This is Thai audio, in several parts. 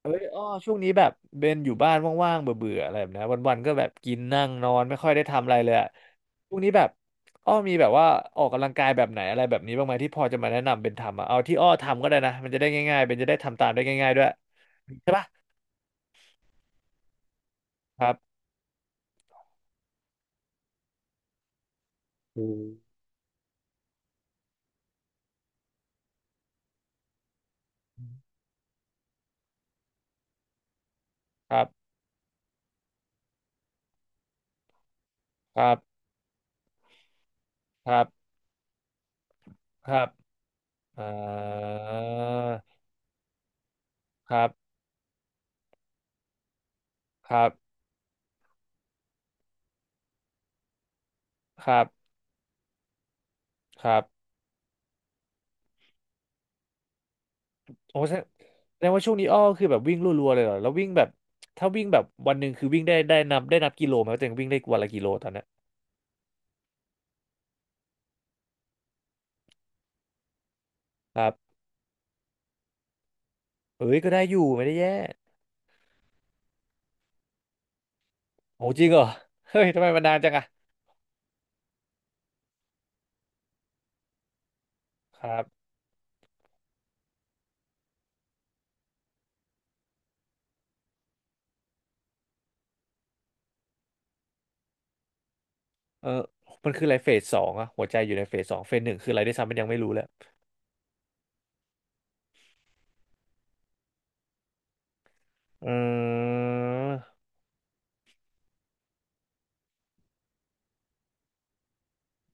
เอ้ยอ้อช่วงนี้แบบเบนอยู่บ้านว่างๆเบื่อๆอะไรแบบนี้วันๆก็แบบกินนั่งนอนไม่ค่อยได้ทำอะไรเลยอะช่วงนี้แบบอ้อมีแบบว่าออกกำลังกายแบบไหนอะไรแบบนี้บ้างไหมที่พอจะมาแนะนำเบนทำอะเอาที่อ้อทำก็ได้นะมันจะได้ง่ายๆเบนจะได้ทำตามได้ง่ายๆด้วยใช่ปะครับอืมครับครับครับครับอ่าครับครับครับครับ โอ้แสดงว่าช่วงนี้อ้อคือแบบวิ่งรัวๆเลยเหรอแล้ววิ่งแบบถ้าวิ่งแบบวันหนึ่งคือวิ่งได้นับกิโลไหมว่าตัวเองวิ่งได้วันละกิโลตอนเนี้ยครับเอ้ยก็ได้อยู่ไม่ได้แย่โอ้จริงเหรอ เฮ้ยทำไมมันนานจังอะครับเออมันคืออะไรเฟสสองอะหัวใจอยู่ในเฟสสองเฟสหนึ่งคืออะไรได้วยซ้ำมันยังไม่รู้เลยอืม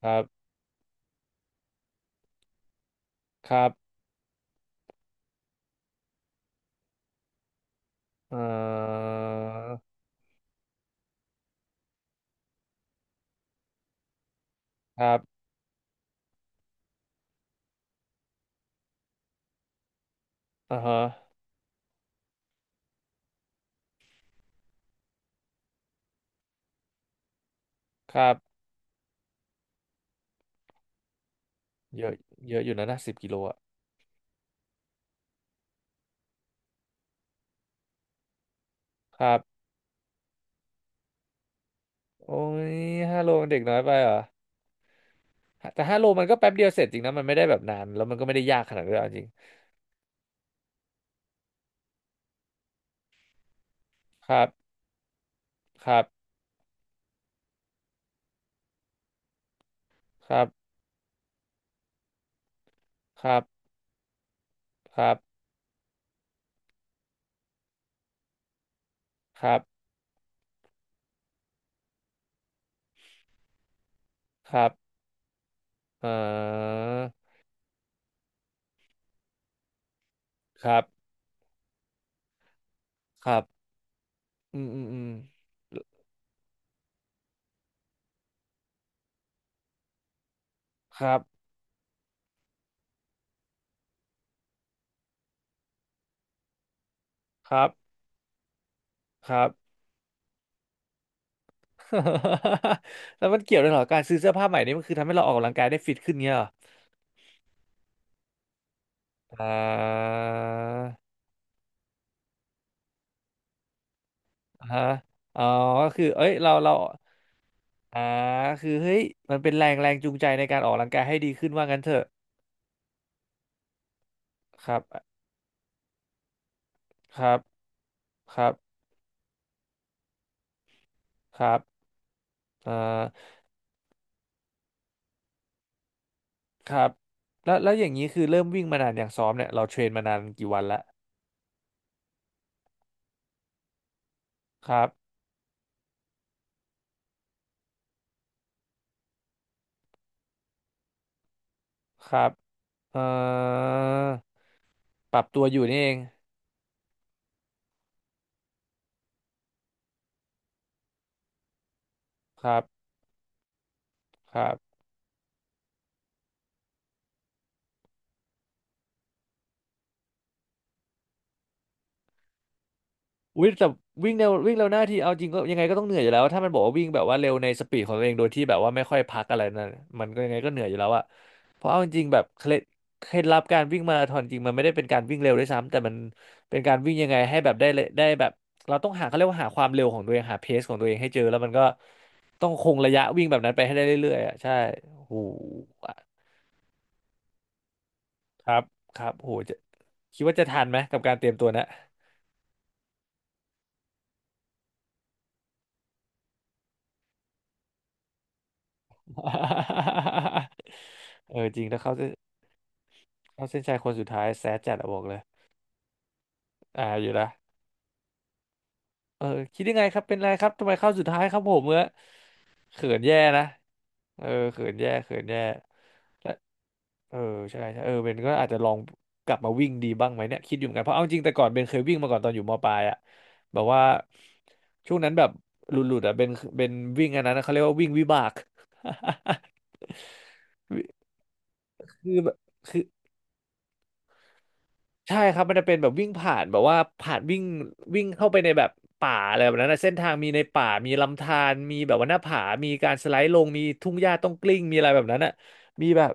ครับครับเอ่อครับอ่าฮะครับเยอะเยอะอยู่นะ10 กิโลอะครับโอ้ยห้าโลเด็กน้อยไปเหรอ แต่ห้าโลมันก็แป๊บเดียวเสร็จจริงนะมันไม่ได้แบบนานแล้วมันก็ไม่ได้ยากขนาดนั้นด้วยเอาจริงครับครับครับครับครับครับครับเอ่อครับครับอืมอืมอืมครับครับครับ แล้วมันเกี่ยวด้วยเหรอการซื้อเสื้อผ้าใหม่นี่มันคือทำให้เราออกกำลังกายได้ฟิตขึ้นเงี้ยเหรออ่าฮะอ๋อก็คือเอ้ยเราอ่าคือเฮ้ยมันเป็นแรงแรงจูงใจในการออกกำลังกายให้ดีขึ้นว่างั้นเถอะครับครับครับ ครับอ่าครับแล้ว อย่างนี้ คือ เริ่ม วิ่ง มานาน อย่างซ้อม เนี่ย เราเทรนมานาน กี่ วันละครับ ครับเอ่อปรับ ตัว อยู่ นี่เอง ครับ ครับ วิ่งแต่วิ่งเร็วหน้าที่เอาจริงก็ยังไงก็ต้องเหนื่อยอยู่แล้วถ้ามันบอกว่าวิ่งแบบว่าเร็วในสปีดของตัวเองโดยที่แบบว่าไม่ค่อยพักอะไรนั่นมันก็ยังไงก็เหนื่อยอยู่แล้วอะเพราะเอาจริงๆแบบเคล็ดลับการวิ่งมาราธอนจริงมันไม่ได้เป็นการวิ่งเร็วด้วยซ้ำแต่มันเป็นการวิ่งยังไงให้แบบได้เลยได้แบบเราต้องหาเขาเรียกว่าหาความเร็วของตัวเองหาเพสของตัวเองให้เจอแล้วมันก็ต้องคงระยะวิ่งแบบนั้นไปให้ได้เรื่อยๆอะใช่โหอะครับครับโหจะคิดว่าจะทันไหมกับการเตรียมตัวนะ เออจริงถ้าเขา เข้าเส้นชัยคนสุดท้ายแซดจัดอะบอกเลยอ่าอยู่ละเออคิดยังไงครับเป็นไรครับทำไมเข้าสุดท้ายครับผมเมื่อเขินแย่นะเออเขินแย่เขินแย่และเออใช่ใช่เออเบนก็อาจจะลองกลับมาวิ่งดีบ้างไหมเนี่ยคิดอยู่เหมือนกันเพราะเอาจริงแต่ก่อนเบนเคยวิ่งมาก่อนตอนอยู่มปลายอะแบบว่าช่วงนั้นแบบหลุดๆอะเบนวิ่งอันนั้นนะเขาเรียกว่าวิ่งวิบาก คือแบบคือ ใช่ครับมันจะเป็นแบบวิ่งผ่านแบบว่าผ่านวิ่งวิ่งเข้าไปในแบบป่าอะไรแบบนั้นนะเส้นทางมีในป่ามีลำธารมีแบบว่าหน้าผามีการสไลด์ลงมีทุ่งหญ้าต้องกลิ้งมีอะไรแบบนั้นอ่ะมีแบบ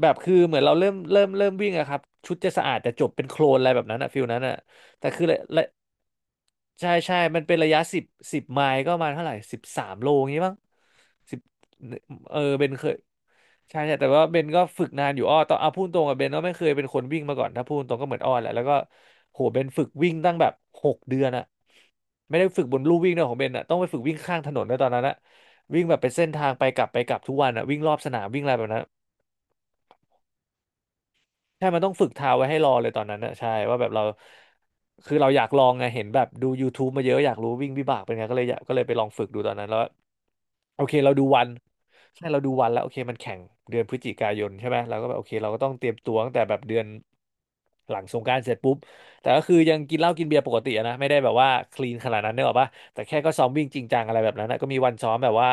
แบบคือเหมือนเราเริ่มวิ่งอะครับชุดจะสะอาดแต่จบเป็นโคลนอะไรแบบนั้นอะฟิลนั้นอะแต่คือระระใช่ใช่มันเป็นระยะ10 ไมล์ก็ประมาณเท่าไหร่13 โลงี้มั้งสิบเออเบนเคยใช่ใช่แต่ว่าเบนก็ฝึกนานอยู่อ้อตอนเอาพูดตรงกับเบนก็ไม่เคยเป็นคนวิ่งมาก่อนถ้าพูดตรงก็เหมือนอ้อแหละแล้วก็โหเบนฝึกวิ่งตั้งแบบ6 เดือนอะไม่ได้ฝึกบนลู่วิ่งนะของเบนอะต้องไปฝึกวิ่งข้างถนนด้วยตอนนั้นอะวิ่งแบบเป็นเส้นทางไปกลับไปกลับทุกวันอะวิ่งรอบสนามวิ่งอะไรแบบนั้น ใช่มันต้องฝึกเท้าไว้ให้รอเลยตอนนั้นนะใช่ว่าแบบเราคือเราอยากลองไงเห็นแบบดู YouTube มาเยอะอยากรู้วิ่งวิบากเป็นไงก็เลยอยากก็เลยไปลองฝึกดูตอนนั้นแล้วโอเคเราดูวันใช่เราดูวันแล้วโอเคมันแข่งเดือนพฤศจิกายนใช่ไหมเราก็แบบโอเคเราก็ต้องเตรียมตัวตั้งแต่แบบเดือนหลังสงกรานต์เสร็จปุ๊บแต่ก็คือยังกินเหล้ากินเบียร์ปกติอะนะไม่ได้แบบว่าคลีนขนาดนั้นเนกออปะแต่แค่ก็ซ้อมวิ่งจริงจังอะไรแบบนั้นนะก็มีวันซ้อมแบบว่า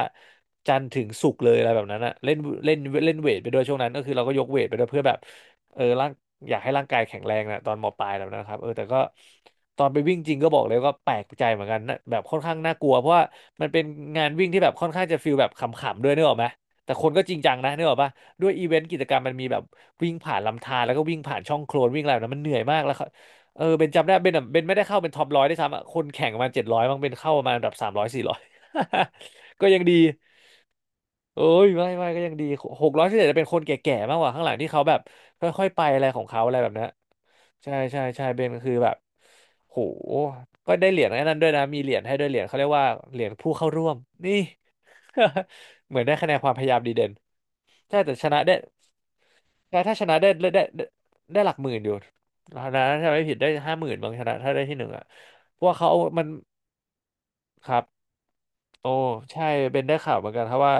จันทร์ถึงศุกร์เลยอะไรแบบนั้นอะเล่นเล่นเล่นเวทไปด้วยช่วงนั้นก็คือเราก็ยกเวทไปด้วยเพื่อแบบ เออร่างอยากให้ร่างกายแข็งแรงนะตอนมปลายแล้วนะครับเออแต่ก็ตอนไปวิ่งจริงก็บอกเลยว่าแปลกใจเหมือนกันนะแบบค่อนข้างน่ากลัวเพราะว่ามันเป็นงานวิ่งที่แบบค่อนข้างจะฟิลแบบขำๆด้วยนึกออกไหมแต่คนก็จริงจังนะนึกออกปะด้วยอีเวนต์กิจกรรมมันมีแบบวิ่งผ่านลำธารแล้วก็วิ่งผ่านช่องโคลนวิ่งอะไรแบบนั้นมันเหนื่อยมากแล้วเขาเออเบนจำได้เบนอะเบนไม่ได้เข้าเป็นท็อปร้อยได้วยซ้ำอะคนแข่งประมาณเจ็ดร้อยบางเบนเข้าประมาณแบบสามร้อยสี่ร้อย ก็ยังดี เอ้ยไม่ก็ยังดีหกร้อยที่เหลือจะเป็นคนแก่ๆมากกว่าข้างหลังที่เขาแบบค่อยๆไปอะไรของเขาอะไรแบบนี้นใช่ใช่ใช่เบนกคือแบบโหก็ได้เหรียญไอ้นั้นด้วยนะมีเหรียญให้ด้วยเหรียญเขาเรียกว่าเหรียญผู้เข้าร่วมนี่ เหมือนได้คะแนนความพยายามดีเด่นใช่แต่ชนะได้แต่ถ้าชนะได้ได้หลักหมื่นอยู่นะถ้าไม่ผิดได้ห้าหมื่นบางชนะถ้าได้ที่หนึ่งอ่ะเพราะว่าเขาเอามันครับ โอ้ใช่เป็นได้ข่าวเหมือนกันครับว่า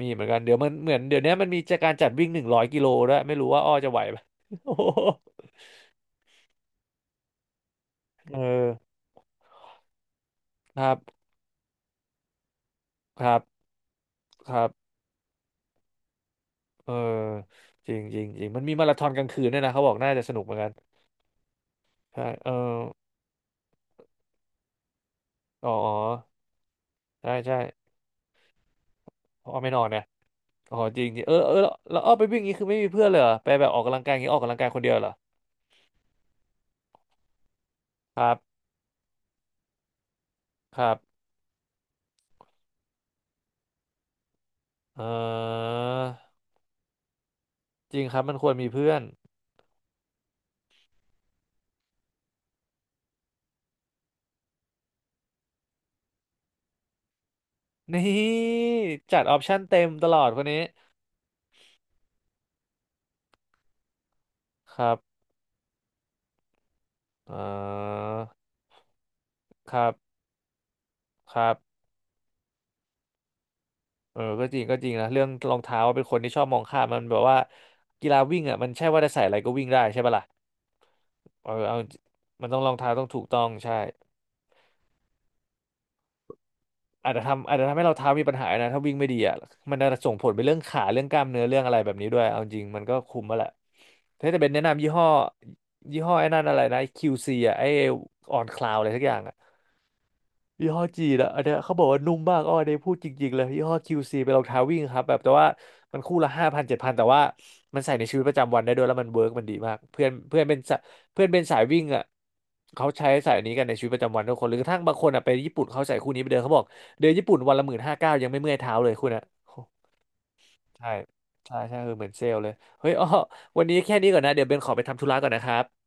มีเหมือนกันเดี๋ยวมันเหมือนเดี๋ยวเนี้ยมันมีจะการจัดวิ่งหนึ่งร้อยกิโลด้วยไม่รู้ว่าอ้อจะไหวไหม โอ้โหเออครับครับครับเออจริงจริงจริงมันมีมาราธอนกลางคืนด้วยนะเขาบอกน่าจะสนุกเหมือนกันใช่เอออ๋อใช่ใช่อ้อไม่นอนเนี่ยอ๋อจริงจริงเออเออแล้วอ้อไปวิ่งอย่างนี้คือไม่มีเพื่อนเลยเหรอไปแบบออกกำลังกายอย่างนี้ออกกำลังกายคนเดียวเหรอครับครับเออจริงครับมันควรมีเพื่อนนี่จัดออปชั่นเต็มตลอดคนนี้ ครับอ่าครับครับเออก็จริงก็จริงนะเรื่องรองเท้าเป็นคนที่ชอบมองข้ามมันแบบว่ากีฬาวิ่งอ่ะมันใช่ว่าจะใส่อะไรก็วิ่งได้ใช่ปะล่ะเออเอามันต้องรองเท้าต้องถูกต้องใช่ อาจจะทำให้เราเท้ามีปัญหานะถ้าวิ่งไม่ดีอ่ะมันจะส่งผลไปเรื่องขาเรื่องกล้ามเนื้อเรื่องอะไรแบบนี้ด้วยเอาจริงมันก็คุมมาแหละถ้าจะเป็นแนะนำยี่ห้อยี่ห้อไอ้นั่นอะไรนะ QC อ่ะไอ้ออนคลาวอะไรสักอย่างอ่ะ ยี่ห้อจีนอะอันเนี้ยเขาบอกว่านุ่มมากอ้อได้พูดจริงๆเลยยี่ห้อคิวซีเป็นรองเท้าวิ่งครับแบบแต่ว่ามันคู่ละห้าพันเจ็ดพันแต่ว่ามันใส่ในชีวิตประจำวันได้ด้วยแล้วมันเวิร์กมันดีมากเพื่อนเพื่อนเป็นสะเพื่อนเป็นสายวิ่งอะเขาใช้สายนี้กันในชีวิตประจำวันทุกคนหรือกระทั่งบางคนอะไปญี่ปุ่นเขาใส่คู่นี้ไปเดินเขาบอกเดินญี่ปุ่นวันละหมื่นห้าเก้ายังไม่เมื่อยเท้าเลยคุณอะโอ้ใช่ใช่ใช่คือเหมือนเซลล์เลยเฮ้ยอ้อวันนี้แค่นี้ก่อนนะเดี๋ยวเบนขอไปทำธุระก่อนนะครับ